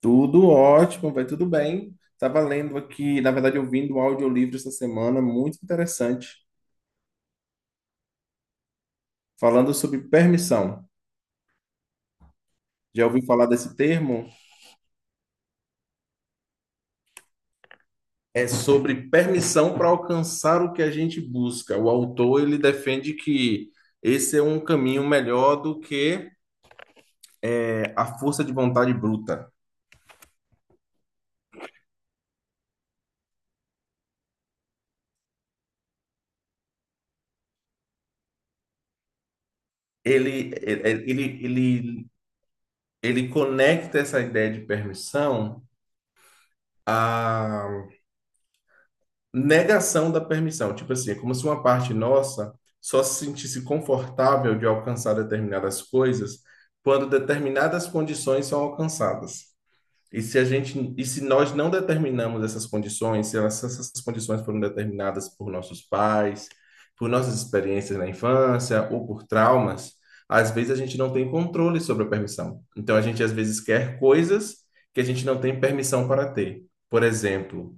Tudo ótimo, vai tudo bem. Estava lendo aqui, na verdade, ouvindo um audiolivro essa semana, muito interessante, falando sobre permissão. Já ouvi falar desse termo? É sobre permissão para alcançar o que a gente busca. O autor, ele defende que esse é um caminho melhor do que a força de vontade bruta. Ele, ele, ele, ele ele conecta essa ideia de permissão, negação da permissão. Tipo assim, é como se uma parte nossa só se sentisse confortável de alcançar determinadas coisas quando determinadas condições são alcançadas. E se a gente, e se nós não determinamos essas condições, se essas condições foram determinadas por nossos pais, por nossas experiências na infância ou por traumas, às vezes a gente não tem controle sobre a permissão. Então a gente às vezes quer coisas que a gente não tem permissão para ter. Por exemplo,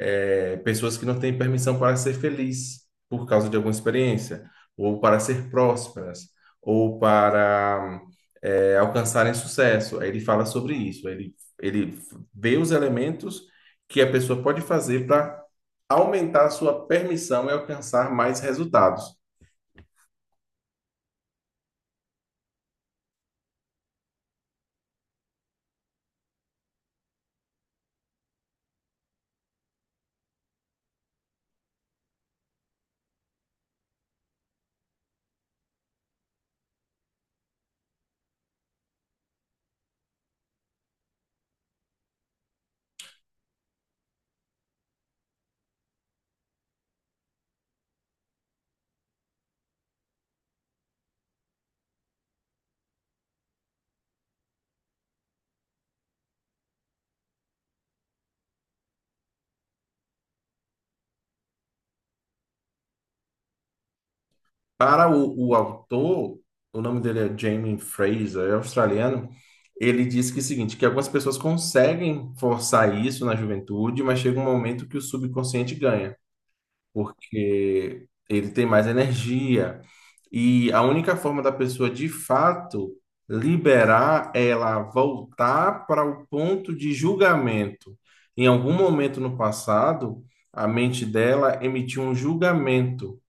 pessoas que não têm permissão para ser feliz por causa de alguma experiência, ou para ser prósperas, ou para alcançarem sucesso. Aí ele fala sobre isso, ele vê os elementos que a pessoa pode fazer para aumentar a sua permissão e alcançar mais resultados. Para o autor, o nome dele é Jamie Fraser, é australiano. Ele disse que é o seguinte, que algumas pessoas conseguem forçar isso na juventude, mas chega um momento que o subconsciente ganha, porque ele tem mais energia. E a única forma da pessoa de fato liberar é ela voltar para o ponto de julgamento. Em algum momento no passado, a mente dela emitiu um julgamento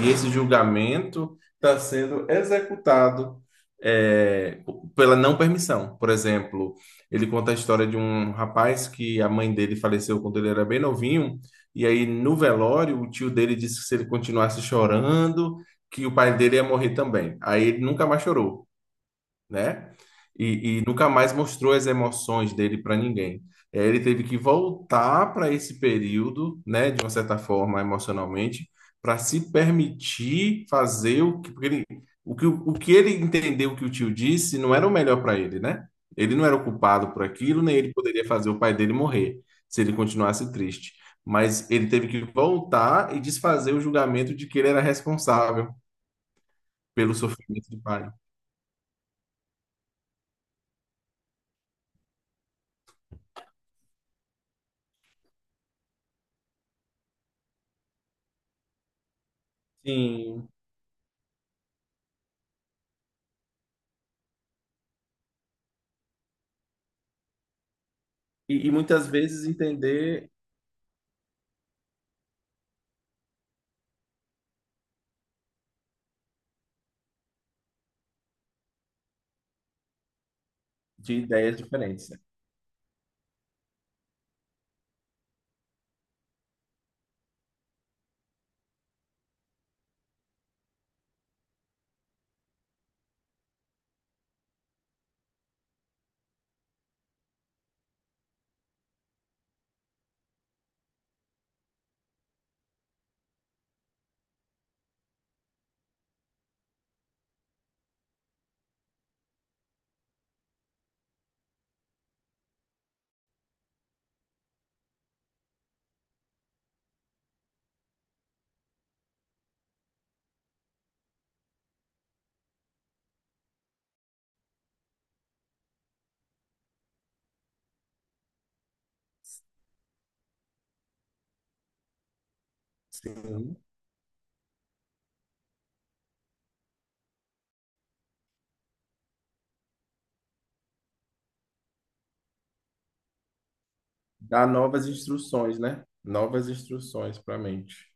e esse julgamento está sendo executado é, pela não permissão. Por exemplo, ele conta a história de um rapaz que a mãe dele faleceu quando ele era bem novinho, e aí no velório o tio dele disse que se ele continuasse chorando, que o pai dele ia morrer também. Aí ele nunca mais chorou, né? E nunca mais mostrou as emoções dele para ninguém. Ele teve que voltar para esse período, né, de uma certa forma, emocionalmente, para se permitir fazer o que, o que, o que ele entendeu que o tio disse não era o melhor para ele, né? Ele não era o culpado por aquilo, nem ele poderia fazer o pai dele morrer se ele continuasse triste. Mas ele teve que voltar e desfazer o julgamento de que ele era responsável pelo sofrimento do pai. Sim. E muitas vezes entender de ideias diferentes, né? Sim. Dar novas instruções, né? Novas instruções para a mente.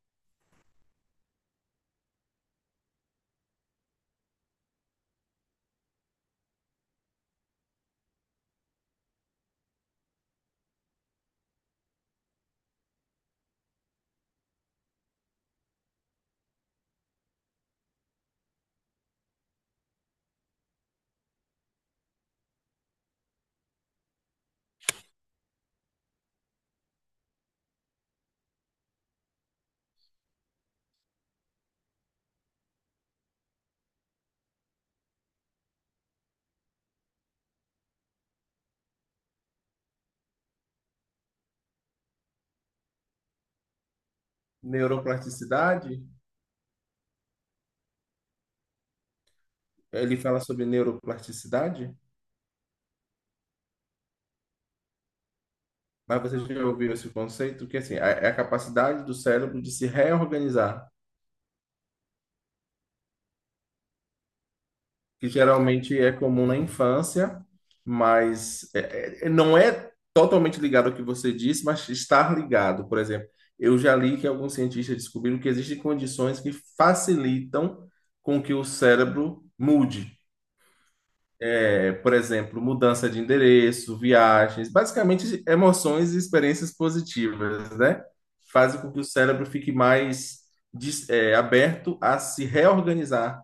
Neuroplasticidade, ele fala sobre neuroplasticidade, mas você já ouviu esse conceito? Que assim, é a capacidade do cérebro de se reorganizar. Que geralmente é comum na infância, mas não é totalmente ligado ao que você disse, mas está ligado. Por exemplo, eu já li que alguns cientistas descobriram que existem condições que facilitam com que o cérebro mude. É, por exemplo, mudança de endereço, viagens, basicamente emoções e experiências positivas, né? Fazem com que o cérebro fique mais aberto a se reorganizar.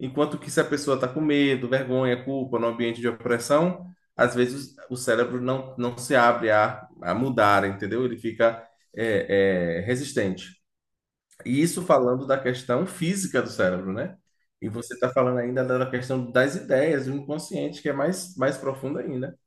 Enquanto que se a pessoa está com medo, vergonha, culpa, no ambiente de opressão, às vezes o cérebro não se abre a mudar, entendeu? Ele fica resistente. E isso falando da questão física do cérebro, né? E você está falando ainda da questão das ideias, do inconsciente, que é mais, mais profunda ainda,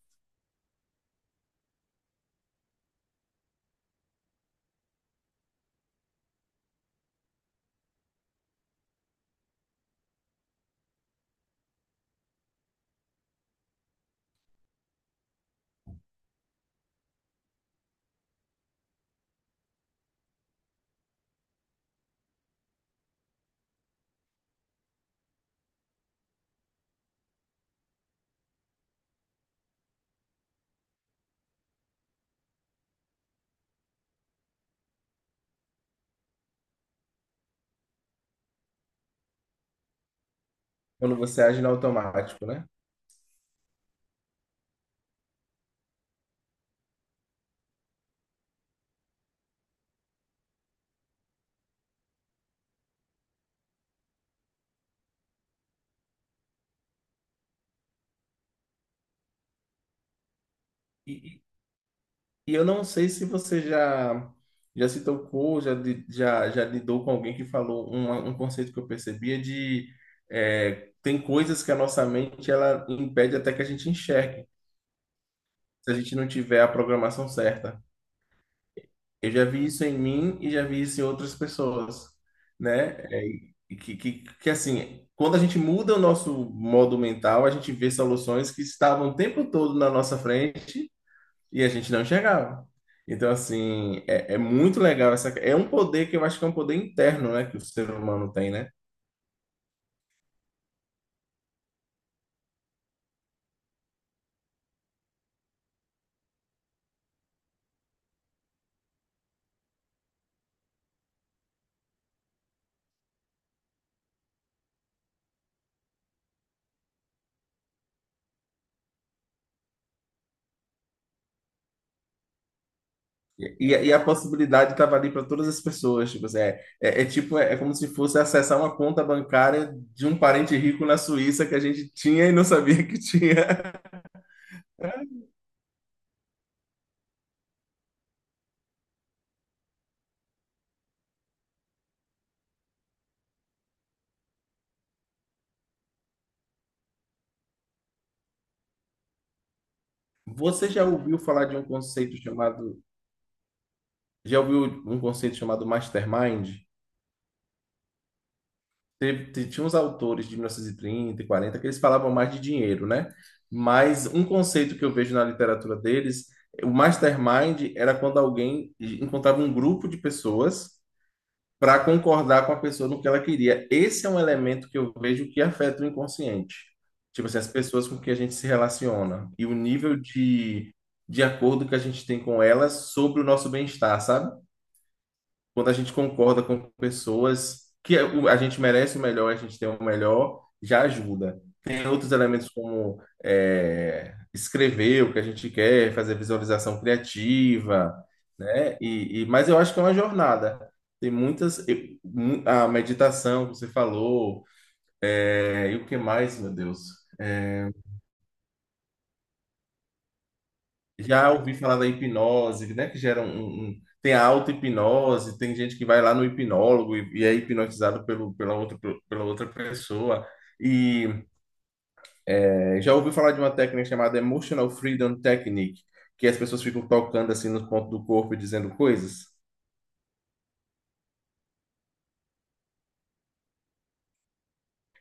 quando você age no automático, né? E, e eu não sei se você já já se tocou, já lidou com alguém que falou um conceito que eu percebia de tem coisas que a nossa mente ela impede até que a gente enxergue, se a gente não tiver a programação certa. Eu já vi isso em mim e já vi isso em outras pessoas, né? E que assim, quando a gente muda o nosso modo mental, a gente vê soluções que estavam o tempo todo na nossa frente e a gente não chegava. Então, assim, é muito legal essa. É um poder que eu acho que é um poder interno, né? Que o ser humano tem, né? E a possibilidade estava ali para todas as pessoas. Tipo, assim, é como se fosse acessar uma conta bancária de um parente rico na Suíça que a gente tinha e não sabia que tinha. Você já ouviu falar de um conceito chamado. Já ouviu um conceito chamado Mastermind? Tinha uns autores de 1930 e 40 que eles falavam mais de dinheiro, né? Mas um conceito que eu vejo na literatura deles, o mastermind era quando alguém encontrava um grupo de pessoas para concordar com a pessoa no que ela queria. Esse é um elemento que eu vejo que afeta o inconsciente. Tipo assim, as pessoas com que a gente se relaciona e o nível de acordo que a gente tem com elas sobre o nosso bem-estar, sabe? Quando a gente concorda com pessoas que a gente merece o melhor, a gente tem o melhor, já ajuda. Tem outros elementos como escrever o que a gente quer, fazer visualização criativa, né? Mas eu acho que é uma jornada. Tem muitas, eu- mu- A meditação que você falou, e o que mais, meu Deus? É, Já ouvi falar da hipnose, né? Que gera um, tem a auto-hipnose, tem gente que vai lá no hipnólogo e, é hipnotizado pela outra pessoa. E já ouvi falar de uma técnica chamada Emotional Freedom Technique, que as pessoas ficam tocando assim nos pontos do corpo e dizendo coisas.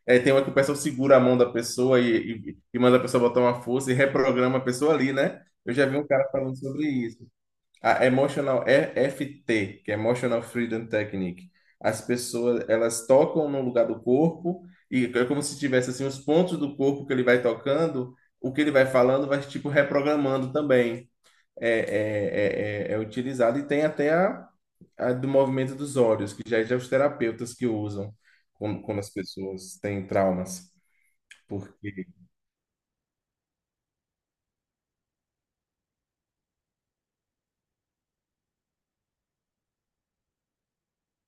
É, tem uma que o pessoal segura a mão da pessoa e manda a pessoa botar uma força e reprograma a pessoa ali, né? Eu já vi um cara falando sobre isso. A Emotional EFT, que é Emotional Freedom Technique. As pessoas, elas tocam no lugar do corpo e é como se tivesse assim os pontos do corpo que ele vai tocando, o que ele vai falando vai tipo reprogramando também. É utilizado e tem até a do movimento dos olhos, que já é os terapeutas que usam quando, quando as pessoas têm traumas. Porque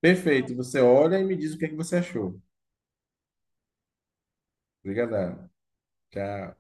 perfeito, você olha e me diz o que é que você achou. Obrigada. Tchau.